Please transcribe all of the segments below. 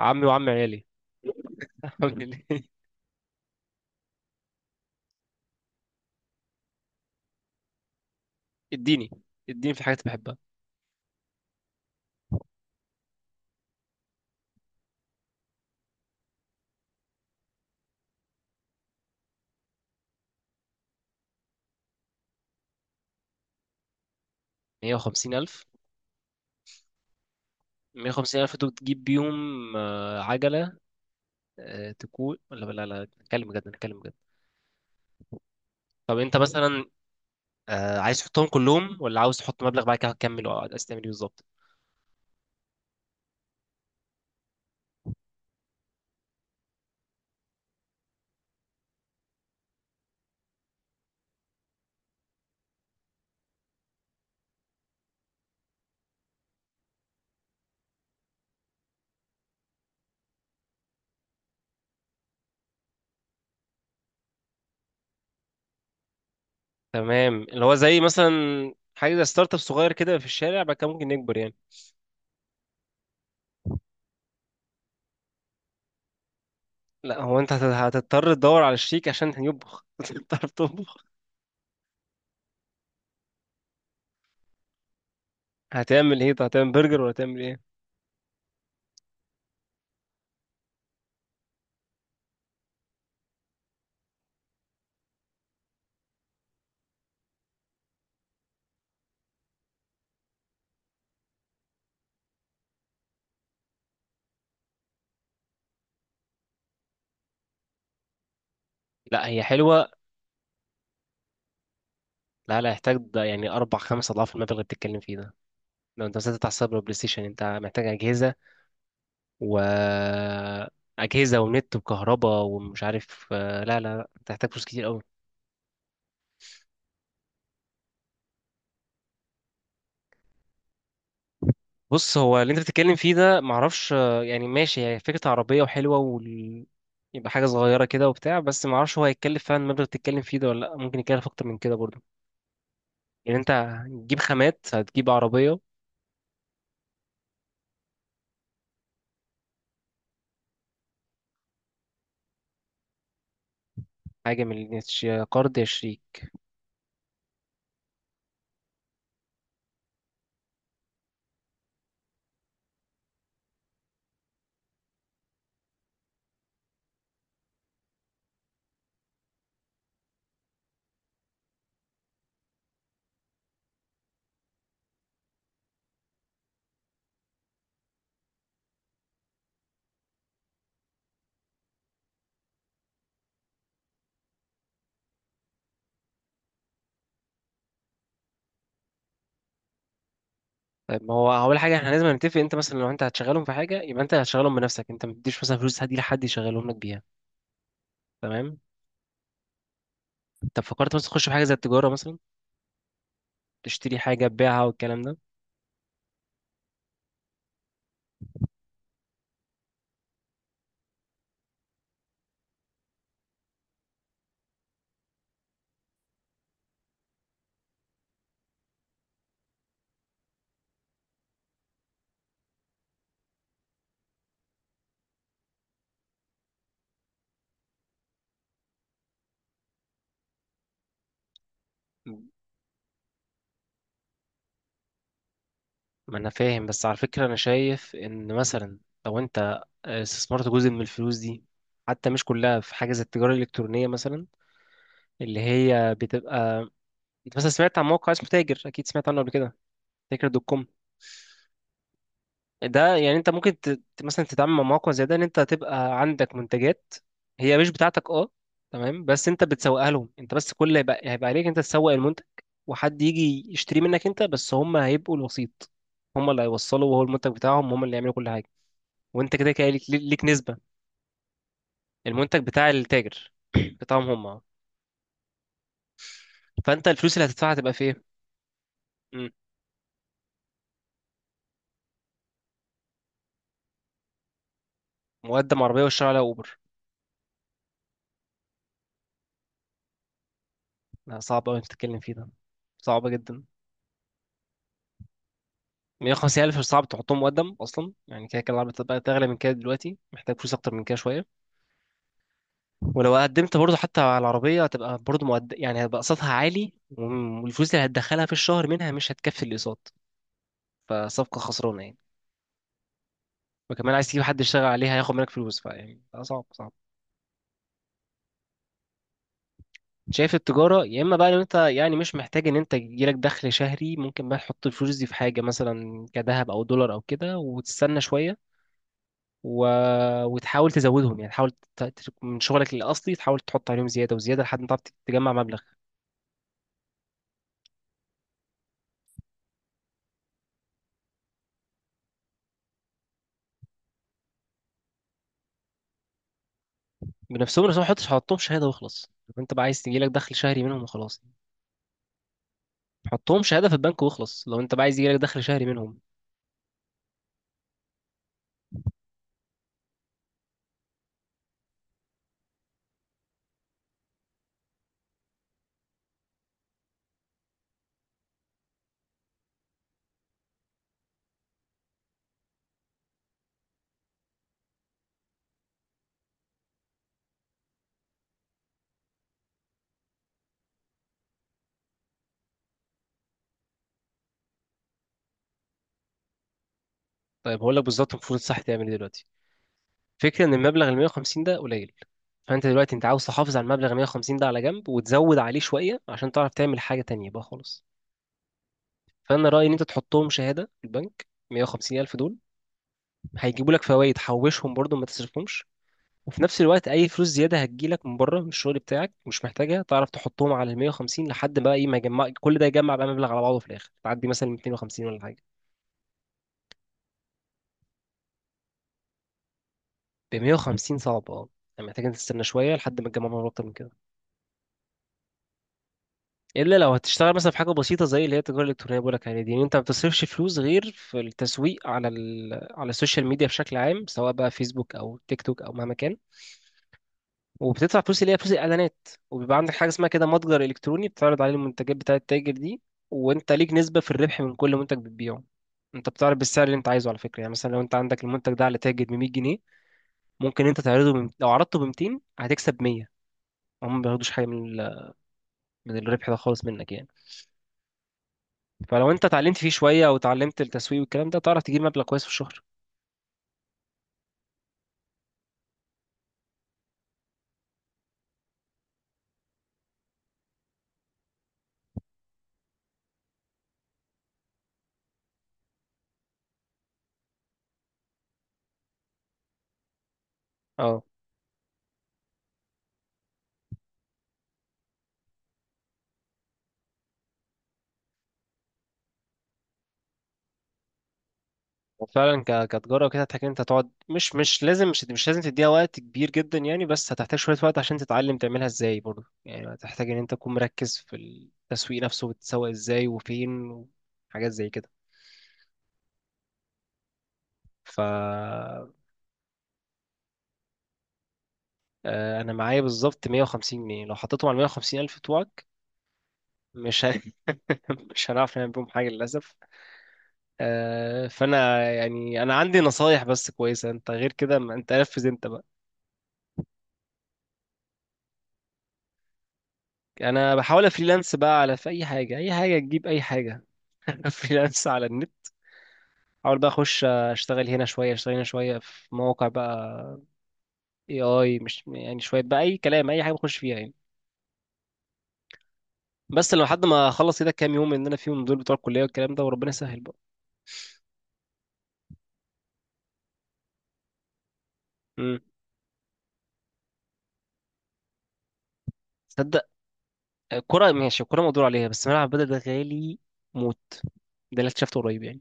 عمي وعم عيالي. أعمل إيه؟ اديني اديني في حاجات بحبها. 150 ألف؟ 150 ألف دول تجيب بيهم عجلة؟ تكون ولا لا، نتكلم بجد، نتكلم بجد. طب أنت مثلا عايز تحطهم كلهم ولا عاوز تحط مبلغ بعد كده هتكمل، أو عايز تعمل إيه بالظبط؟ تمام، اللي هو زي مثلا حاجة زي ستارت اب صغير كده في الشارع، بعد كده ممكن نكبر يعني. لا، هو أنت هتضطر تدور على الشيك عشان يطبخ. هتضطر تطبخ. هتعمل إيه؟ طب هتعمل برجر ولا هتعمل إيه؟ لا، هي حلوة. لا، يحتاج ده يعني اربع خمس اضعاف المبلغ اللي بتتكلم فيه ده. لو انت مسكت على السايبر بلاي ستيشن، انت محتاج اجهزه و اجهزه ونت وكهرباء ومش عارف لا انت محتاج فلوس كتير قوي. بص، هو اللي انت بتتكلم فيه ده معرفش يعني ماشي، هي فكره عربيه وحلوه يبقى حاجه صغيره كده وبتاع، بس معرفش هو هيتكلف فعلا المبلغ اللي بتتكلم فيه ده ولا لا، ممكن يكلف اكتر من كده برضه. يعني انت هتجيب خامات، هتجيب عربيه. حاجه من قرض 20. طيب، ما هو اول حاجه احنا لازم نتفق، انت مثلا لو انت هتشغلهم في حاجه، يبقى انت هتشغلهم بنفسك، انت ما تديش مثلا فلوس حد لحد يشغلهم لك بيها. تمام. طب فكرت مثلا تخش في حاجه زي التجاره مثلا، تشتري حاجه تبيعها والكلام ده؟ ما انا فاهم، بس على فكره انا شايف ان مثلا لو انت استثمرت جزء من الفلوس دي، حتى مش كلها، في حاجه زي التجاره الالكترونيه مثلا، اللي هي بتبقى، انت مثلا سمعت عن موقع اسمه تاجر؟ اكيد سمعت عنه قبل كده، تاجر دوت كوم. ده يعني انت ممكن مثلا تتعامل مع مواقع زي ده، ان انت تبقى عندك منتجات هي مش بتاعتك، اه تمام، بس انت بتسوقها لهم، انت بس كل اللي هيبقى هيبقى عليك انت تسوق المنتج، وحد يجي يشتري منك انت بس، هم هيبقوا الوسيط، هم اللي هيوصلوا وهو المنتج بتاعهم، هم اللي يعملوا كل حاجه. وانت كده كده ليك نسبه. المنتج بتاع التاجر بتاعهم هم. فانت الفلوس اللي هتدفعها هتبقى في ايه؟ مم. مقدم عربيه والشارع على اوبر؟ لا، صعب قوي تتكلم فيه ده، صعب جدا. 150,000 مش صعب تحطهم مقدم اصلا، يعني كده كده العربية بتبقى تغلى من كده، دلوقتي محتاج فلوس اكتر من كده شويه. ولو قدمت برضه حتى على العربيه، هتبقى برضه مقدم يعني، هيبقى قسطها عالي والفلوس اللي هتدخلها في الشهر منها مش هتكفي الاقساط. فصفقه خسرانه يعني. وكمان عايز تجيب حد يشتغل عليها هياخد منك فلوس، فيعني ده صعب صعب. شايف التجاره، يا اما بقى لو انت يعني مش محتاج ان انت يجيلك دخل شهري، ممكن بقى تحط الفلوس دي في حاجه مثلا كذهب او دولار او كده وتستنى شويه. و... وتحاول تزودهم، يعني تحاول من شغلك الاصلي تحاول تحط عليهم زياده وزياده لحد ما تعرف تجمع مبلغ. بنفسهم، بس ما تحطش، حطهم شهاده واخلص لو انت بقى عايز يجي لك دخل شهري منهم وخلاص. حطهم شهاده في البنك واخلص لو انت بقى عايز يجي لك دخل شهري منهم. طيب هقول لك بالظبط المفروض صح تعمل ايه دلوقتي. فكره ان المبلغ ال 150 ده قليل، فانت دلوقتي انت عاوز تحافظ على المبلغ ال 150 ده على جنب، وتزود عليه شويه عشان تعرف تعمل حاجه تانية بقى خالص. فانا رايي ان انت تحطهم شهاده في البنك، 150 الف دول هيجيبوا لك فوائد، حوشهم برضو ما تصرفهمش. وفي نفس الوقت اي فلوس زياده هتجيلك من بره من الشغل بتاعك مش محتاجها، تعرف تحطهم على ال 150 لحد ما ايه، ما يجمع كل ده، يجمع بقى مبلغ على بعضه، في الاخر تعدي مثلا 250 ولا حاجه. ب 150 صعب اه، يعني محتاج إنك تستنى شويه لحد ما تجمع مبلغ اكتر من كده. الا لو هتشتغل مثلا في حاجه بسيطه زي اللي هي التجاره الالكترونيه بقول لك عليها دي، يعني انت ما بتصرفش فلوس غير في التسويق على على السوشيال ميديا بشكل عام، سواء بقى فيسبوك او تيك توك او مهما كان. وبتدفع فلوس اللي هي فلوس الاعلانات، وبيبقى عندك حاجه اسمها كده متجر الكتروني بتعرض عليه المنتجات بتاعه التاجر دي. وانت ليك نسبه في الربح من كل منتج بتبيعه. انت بتعرض بالسعر اللي انت عايزه على فكره، يعني مثلا لو انت عندك المنتج ده على تاجر ب 100 جنيه، ممكن انت تعرضه لو عرضته ب 200 هتكسب 100. هم ما بياخدوش حاجه من من الربح ده خالص منك يعني. فلو انت اتعلمت فيه شويه او اتعلمت التسويق والكلام ده، تعرف تجيب مبلغ كويس في الشهر. اه. وفعلا كتجارة وكده هتحتاج إن انت تقعد، مش مش لازم تديها وقت كبير جدا يعني، بس هتحتاج شوية وقت عشان تتعلم تعملها ازاي برضه، يعني هتحتاج ان انت تكون مركز في التسويق نفسه، بتسوق ازاي وفين وحاجات زي كده. ف انا معايا بالظبط 150 جنيه، لو حطيتهم على 150 الف بتوعك مش ه... مش هنعرف نعمل بيهم حاجة للأسف. فانا يعني انا عندي نصايح بس كويسة، انت غير كده ما انت نفذ انت بقى. انا بحاول افريلانس بقى على، في اي حاجه، اي حاجه تجيب اي حاجه. فريلانس على النت، احاول بقى اخش اشتغل هنا شويه اشتغل هنا شويه في مواقع بقى. اي اي، مش يعني شويه بقى، اي كلام اي حاجه بخش فيها يعني. بس لو حد ما اخلص كده كام يوم ان انا فيهم دول بتوع الكليه والكلام ده، وربنا يسهل بقى. امم تصدق الكوره ماشي، الكوره مقدور عليها، بس ملعب بدل ده غالي موت، ده اللي اكتشفته قريب يعني.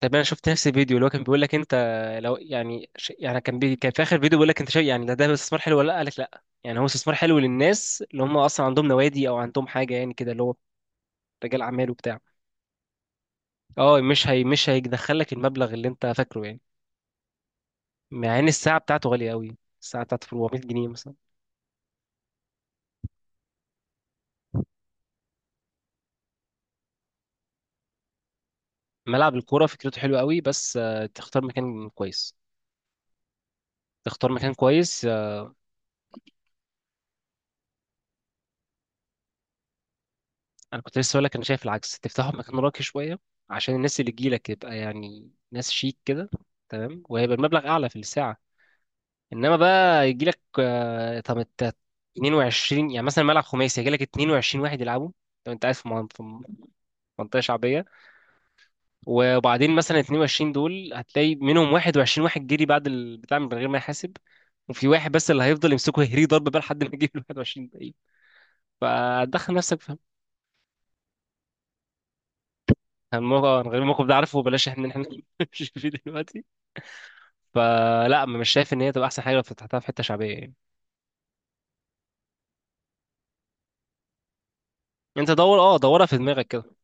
طب انا شفت نفس الفيديو اللي هو كان بيقول لك انت، لو يعني يعني كان كان في اخر فيديو بيقول لك انت شايف يعني، ده ده استثمار حلو ولا لا، قال لك لا يعني، هو استثمار حلو للناس اللي هم اصلا عندهم نوادي او عندهم حاجه يعني كده، اللي هو رجال اعمال وبتاع. اه مش هي، مش هيدخلك المبلغ اللي انت فاكره يعني. مع ان الساعه بتاعته غاليه قوي، الساعه بتاعته في 400 جنيه مثلا. ملعب الكوره فكرته حلوه قوي، بس تختار مكان كويس، تختار مكان كويس. انا كنت لسه اقول لك انا شايف العكس، تفتحه في مكان راقي شويه، عشان الناس اللي تجيلك يبقى يعني ناس شيك كده. تمام، وهيبقى المبلغ اعلى في الساعه. انما بقى يجيلك طب انت 22 يعني مثلا ملعب خماسي، يجيلك 22 واحد يلعبوا، لو انت قاعد في في منطقه شعبيه. وبعدين مثلا 22 دول هتلاقي منهم 21 واحد جري بعد البتاع من غير ما يحاسب، وفي واحد بس اللي هيفضل يمسكه يهريه ضرب بقى لحد ما يجيب ال 21 باقي. فدخل نفسك في، الموقف غير الموقف ده، عارفه بلاش، احنا مش فيه دلوقتي. فلا، مش شايف ان هي تبقى احسن حاجه لو فتحتها في حته شعبيه يعني. انت دور، اه دورها في دماغك كده.